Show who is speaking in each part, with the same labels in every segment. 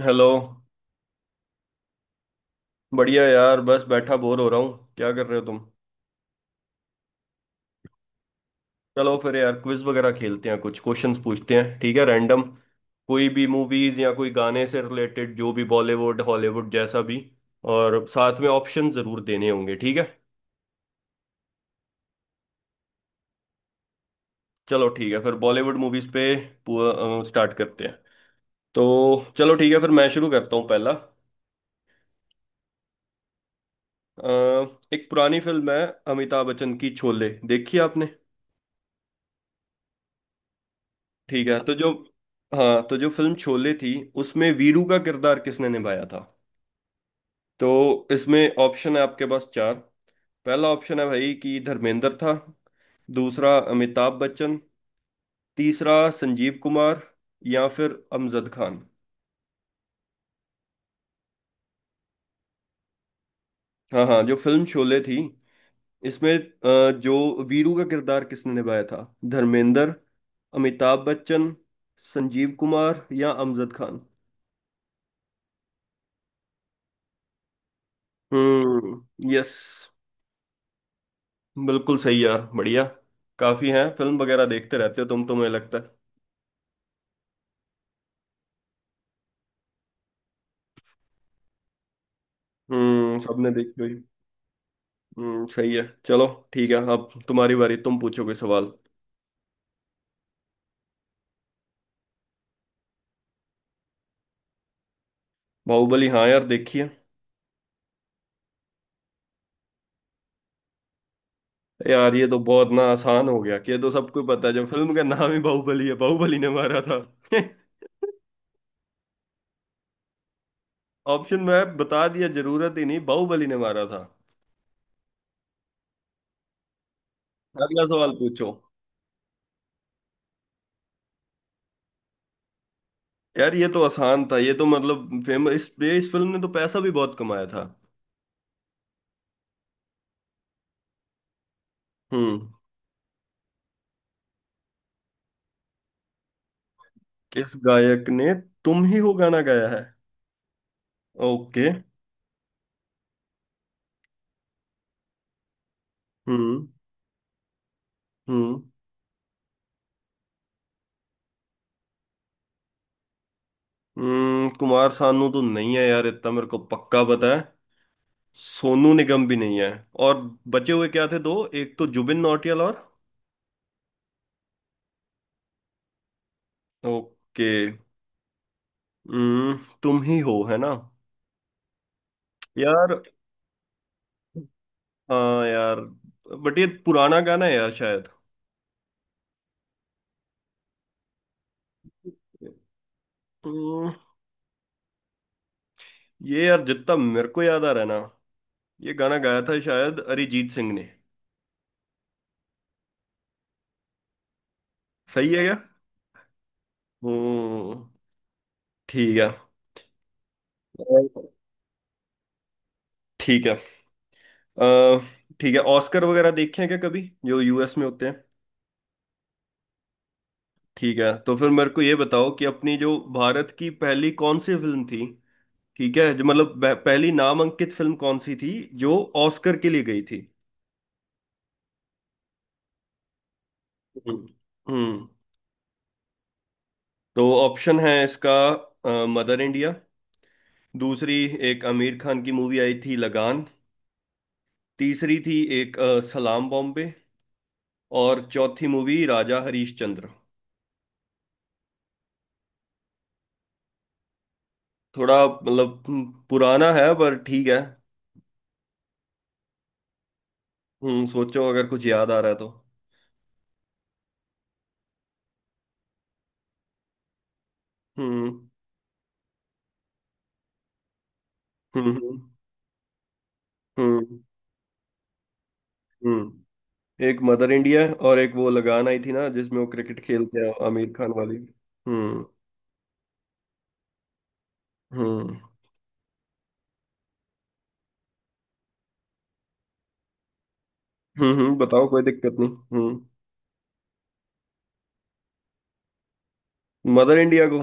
Speaker 1: Hello. बढ़िया यार, बस बैठा बोर हो रहा हूँ। क्या कर रहे हो तुम? चलो फिर यार, क्विज वगैरह खेलते हैं, कुछ क्वेश्चंस पूछते हैं, ठीक है? रैंडम कोई भी मूवीज या कोई गाने से रिलेटेड, जो भी बॉलीवुड हॉलीवुड जैसा भी। और साथ में ऑप्शन जरूर देने होंगे, ठीक है? चलो ठीक है, फिर बॉलीवुड मूवीज पे स्टार्ट करते हैं। तो चलो ठीक है, फिर मैं शुरू करता हूँ पहला। अ, एक पुरानी फिल्म है अमिताभ बच्चन की, शोले देखी आपने? ठीक है, तो जो... हाँ, तो जो फिल्म शोले थी उसमें वीरू का किरदार किसने निभाया था? तो इसमें ऑप्शन है आपके पास चार। पहला ऑप्शन है भाई कि धर्मेंद्र था, दूसरा अमिताभ बच्चन, तीसरा संजीव कुमार, या फिर अमजद खान। हाँ हाँ, जो फिल्म शोले थी, इसमें जो वीरू का किरदार किसने निभाया था? धर्मेंद्र, अमिताभ बच्चन, संजीव कुमार या अमजद खान। हम्म। यस, बिल्कुल सही यार, बढ़िया। काफी हैं, फिल्म वगैरह देखते रहते हो तुम तो मुझे लगता है। हम्म, सबने देखी हुई। हम्म, सही है। चलो ठीक है, अब तुम्हारी बारी, तुम पूछो कोई सवाल। बाहुबली? हाँ यार, देखी है। यार ये तो बहुत ना आसान हो गया, कि ये तो सबको पता है, जो फिल्म का नाम ही बाहुबली है, बाहुबली ने मारा था। ऑप्शन में बता दिया, जरूरत ही नहीं, बाहुबली ने मारा था। अगला सवाल पूछो। यार ये तो आसान था, ये तो मतलब फेमस, इस फिल्म ने तो पैसा भी बहुत कमाया था। हम्म। किस गायक ने तुम ही हो गाना गाया है? ओके। हम्म। हम्म। कुमार सानू तो नहीं है यार, इतना मेरे को पक्का पता है। सोनू निगम भी नहीं है। और बचे हुए क्या थे दो? एक तो जुबिन नौटियाल और... ओके। हम्म। तुम ही हो है ना? यार, हाँ यार, बट ये पुराना गाना है यार शायद। हम्म, ये यार जितना मेरे को याद आ रहा है ना, ये गाना गाया था शायद अरिजीत सिंह ने। सही है क्या? हम्म। ठीक है। और- ठीक है। अ, ठीक है, ऑस्कर वगैरह देखे हैं क्या कभी, जो यूएस में होते हैं? ठीक है, तो फिर मेरे को ये बताओ कि अपनी जो भारत की पहली कौन सी फिल्म थी, ठीक है, जो मतलब पहली नामांकित फिल्म कौन सी थी जो ऑस्कर के लिए गई थी? हम्म। हम्म। तो ऑप्शन है इसका, मदर इंडिया, दूसरी एक आमिर खान की मूवी आई थी लगान, तीसरी थी एक सलाम बॉम्बे, और चौथी मूवी राजा हरीश चंद्र। थोड़ा मतलब, पुराना है पर ठीक है। हम्म, सोचो अगर कुछ याद आ रहा है तो। हम्म। हम्म। हम्म। हम्म। हम्म। एक मदर इंडिया है और एक वो लगान आई थी ना जिसमें वो क्रिकेट खेलते हैं, आमिर खान वाली। हम्म। हम्म। हम्म। बताओ, कोई दिक्कत नहीं। हम्म। मदर इंडिया को?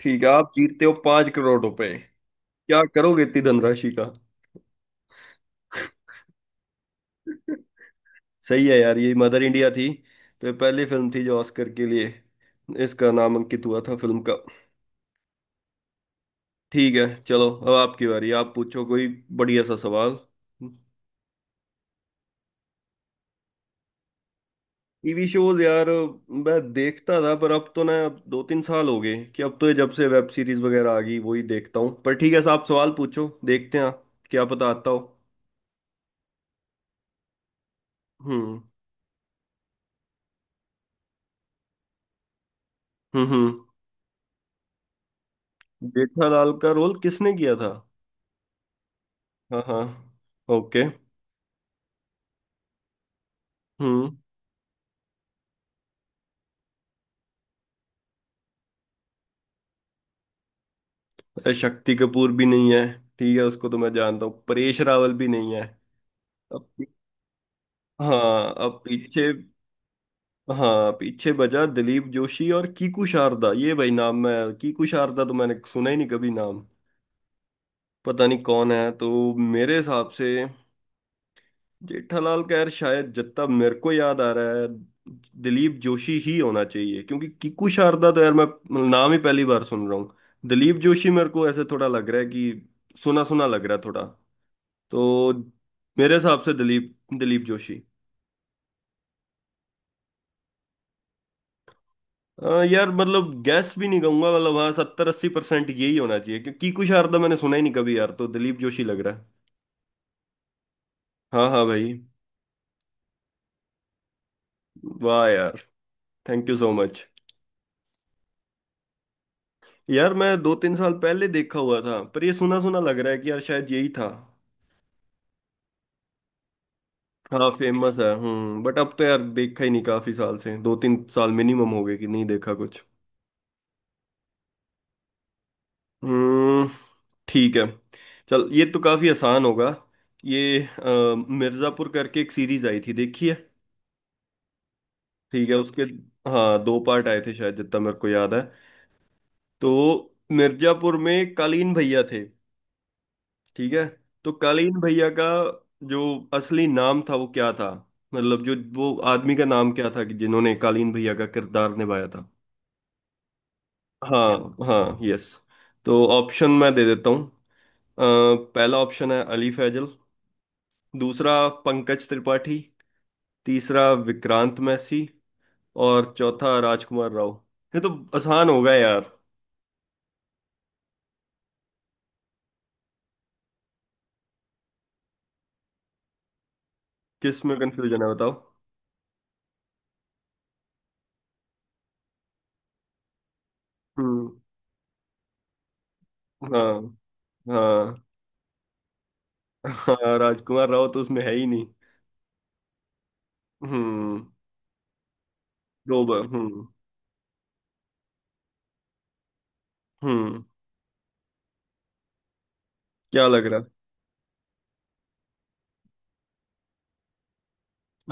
Speaker 1: ठीक है, आप जीतते हो 5 करोड़ रुपए। क्या करोगे इतनी धनराशि का? सही है यार, ये मदर इंडिया थी, तो ये पहली फिल्म थी जो ऑस्कर के लिए इसका नामांकित हुआ था, फिल्म का। ठीक है चलो, अब आपकी बारी, आप पूछो कोई बढ़िया सा सवाल। TV shows? यार मैं देखता था पर अब तो ना, 2-3 साल हो गए कि अब तो, ये जब से वेब सीरीज वगैरह आ गई वही देखता हूँ। पर ठीक है साहब, सवाल पूछो, देखते हैं आप क्या पता आता हो। हम्म। हम्म। हम्म। जेठालाल का रोल किसने किया था? हाँ हाँ। ओके। हम्म। अरे, शक्ति कपूर भी नहीं है, ठीक है, उसको तो मैं जानता हूँ। परेश रावल भी नहीं है। अब... हाँ, अब पीछे... हाँ पीछे बजा दिलीप जोशी और कीकू शारदा। ये भाई नाम मैं, कीकू शारदा तो मैंने सुना ही नहीं कभी नाम, पता नहीं कौन है। तो मेरे हिसाब से जेठालाल, खैर शायद जितना मेरे को याद आ रहा है, दिलीप जोशी ही होना चाहिए, क्योंकि कीकू शारदा तो यार मैं नाम ही पहली बार सुन रहा हूँ। दिलीप जोशी मेरे को ऐसे थोड़ा लग रहा है कि सुना सुना लग रहा है थोड़ा। तो मेरे हिसाब से दिलीप दिलीप जोशी। आ, यार मतलब गैस भी नहीं कहूंगा, मतलब हाँ, 70-80% यही होना चाहिए, क्योंकि कुशार तो मैंने सुना ही नहीं कभी यार, तो दिलीप जोशी लग रहा है। हाँ हाँ भाई। वाह यार, थैंक यू सो मच। यार मैं 2-3 साल पहले देखा हुआ था, पर ये सुना सुना लग रहा है कि यार शायद यही था। हाँ फेमस है। हम्म, बट अब तो यार देखा ही नहीं काफी साल से, 2-3 साल मिनिमम हो गए कि नहीं देखा कुछ। हम्म। ठीक है। चल, ये तो काफी आसान होगा। ये मिर्जापुर करके एक सीरीज आई थी, देखी है? ठीक है उसके... हाँ, दो पार्ट आए थे शायद, जितना मेरे को याद है। तो मिर्जापुर में कालीन भैया थे, ठीक है। तो कालीन भैया का जो असली नाम था वो क्या था? मतलब जो वो आदमी का नाम क्या था कि जिन्होंने कालीन भैया का किरदार निभाया था? हाँ हाँ, यस। तो ऑप्शन मैं दे देता हूँ। अ, पहला ऑप्शन है अली फैजल, दूसरा पंकज त्रिपाठी, तीसरा विक्रांत मैसी और चौथा राजकुमार राव। ये तो आसान होगा यार। किस में कंफ्यूजन है बताओ? हम्म। हाँ। हाँ। हाँ, राजकुमार राव तो उसमें है ही नहीं। हम्म। दो बार हम्म। हम्म। क्या लग रहा?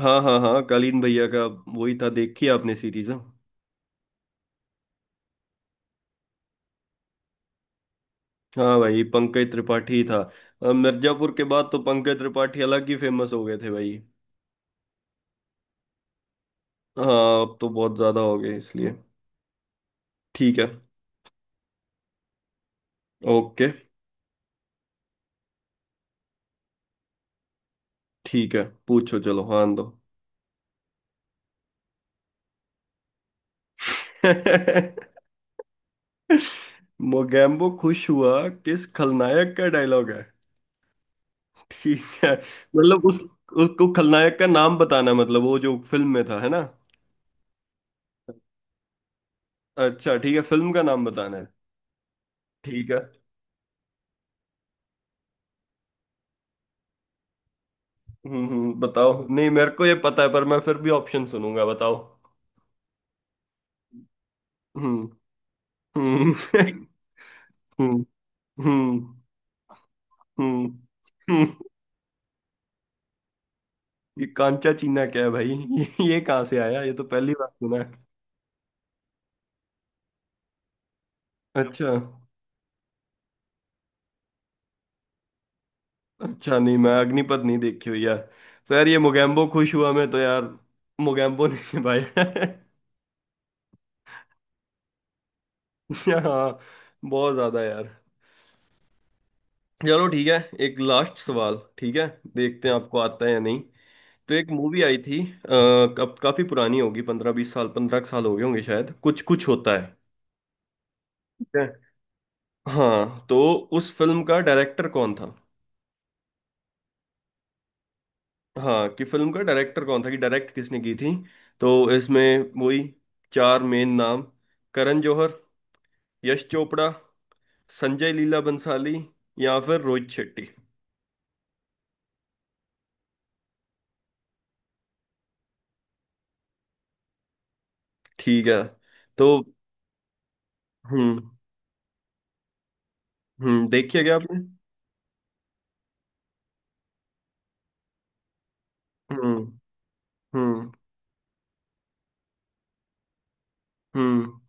Speaker 1: हाँ हाँ हाँ, कालीन भैया का वही था, देखी आपने सीरीज? हाँ, हाँ भाई, पंकज त्रिपाठी था। मिर्जापुर के बाद तो पंकज त्रिपाठी अलग ही फेमस हो गए थे भाई। हाँ अब तो बहुत ज्यादा हो गए, इसलिए ठीक है। ओके। ठीक है पूछो चलो, हाँ दो। मोगैम्बो खुश हुआ किस खलनायक का डायलॉग है? ठीक है, मतलब उस... उसको खलनायक का नाम बताना है, मतलब वो जो फिल्म में था है ना? अच्छा ठीक है, फिल्म का नाम बताना है। ठीक है। हम्म, बताओ, नहीं मेरे को ये पता है पर मैं फिर भी ऑप्शन सुनूंगा, बताओ। हम्म। हम्म। हम्म। हम्म। हम्म। हम्म। ये कांचा चीना क्या है भाई ये कहाँ से आया, ये तो पहली बार सुना है। अच्छा। अच्छा, नहीं मैं अग्निपथ नहीं देखी हुई यार। तो यार ये मोगैम्बो खुश हुआ, मैं तो यार मोगैम्बो नहीं भाई। हाँ, बहुत ज्यादा यार। चलो ठीक है, एक लास्ट सवाल, ठीक है, देखते हैं आपको आता है या नहीं। तो एक मूवी आई थी, आ, कब? काफी पुरानी होगी, 15-20 साल, 15 साल हो गए होंगे शायद, कुछ कुछ होता है। ठीक है। हाँ तो उस फिल्म का डायरेक्टर कौन था? हाँ, कि फिल्म का डायरेक्टर कौन था, कि डायरेक्ट किसने की थी? तो इसमें वही चार मेन नाम, करण जौहर, यश चोपड़ा, संजय लीला बंसाली या फिर रोहित शेट्टी। ठीक है तो... हम्म। हम्म, देखिए क्या आपने? हम्म। हम्म। हम्म।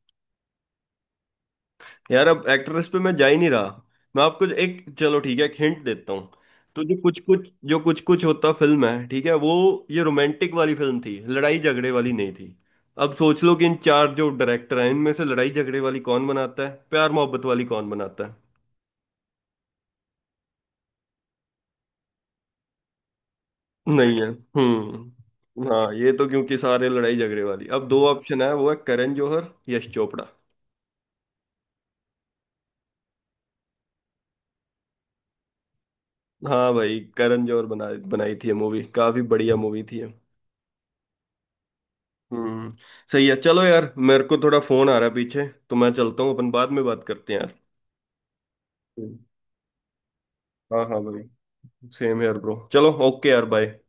Speaker 1: यार अब एक्ट्रेस पे मैं जा ही नहीं रहा। मैं आपको एक, चलो ठीक है, एक हिंट देता हूँ। तो जो कुछ कुछ होता फिल्म है ठीक है वो, ये रोमांटिक वाली फिल्म थी, लड़ाई झगड़े वाली नहीं थी। अब सोच लो कि इन चार जो डायरेक्टर हैं, इनमें से लड़ाई झगड़े वाली कौन बनाता है, प्यार मोहब्बत वाली कौन बनाता है? नहीं है। हम्म। हाँ, ये तो क्योंकि सारे लड़ाई झगड़े वाली, अब दो ऑप्शन है वो है करण जौहर, यश चोपड़ा। हाँ भाई, करण जौहर बना बनाई थी मूवी, काफी बढ़िया मूवी थी ये। हम्म। सही है चलो यार, मेरे को थोड़ा फोन आ रहा है पीछे, तो मैं चलता हूँ, अपन बाद में बात करते हैं यार। हम्म। हाँ हाँ भाई। सेम यार ब्रो, चलो ओके यार, बाय।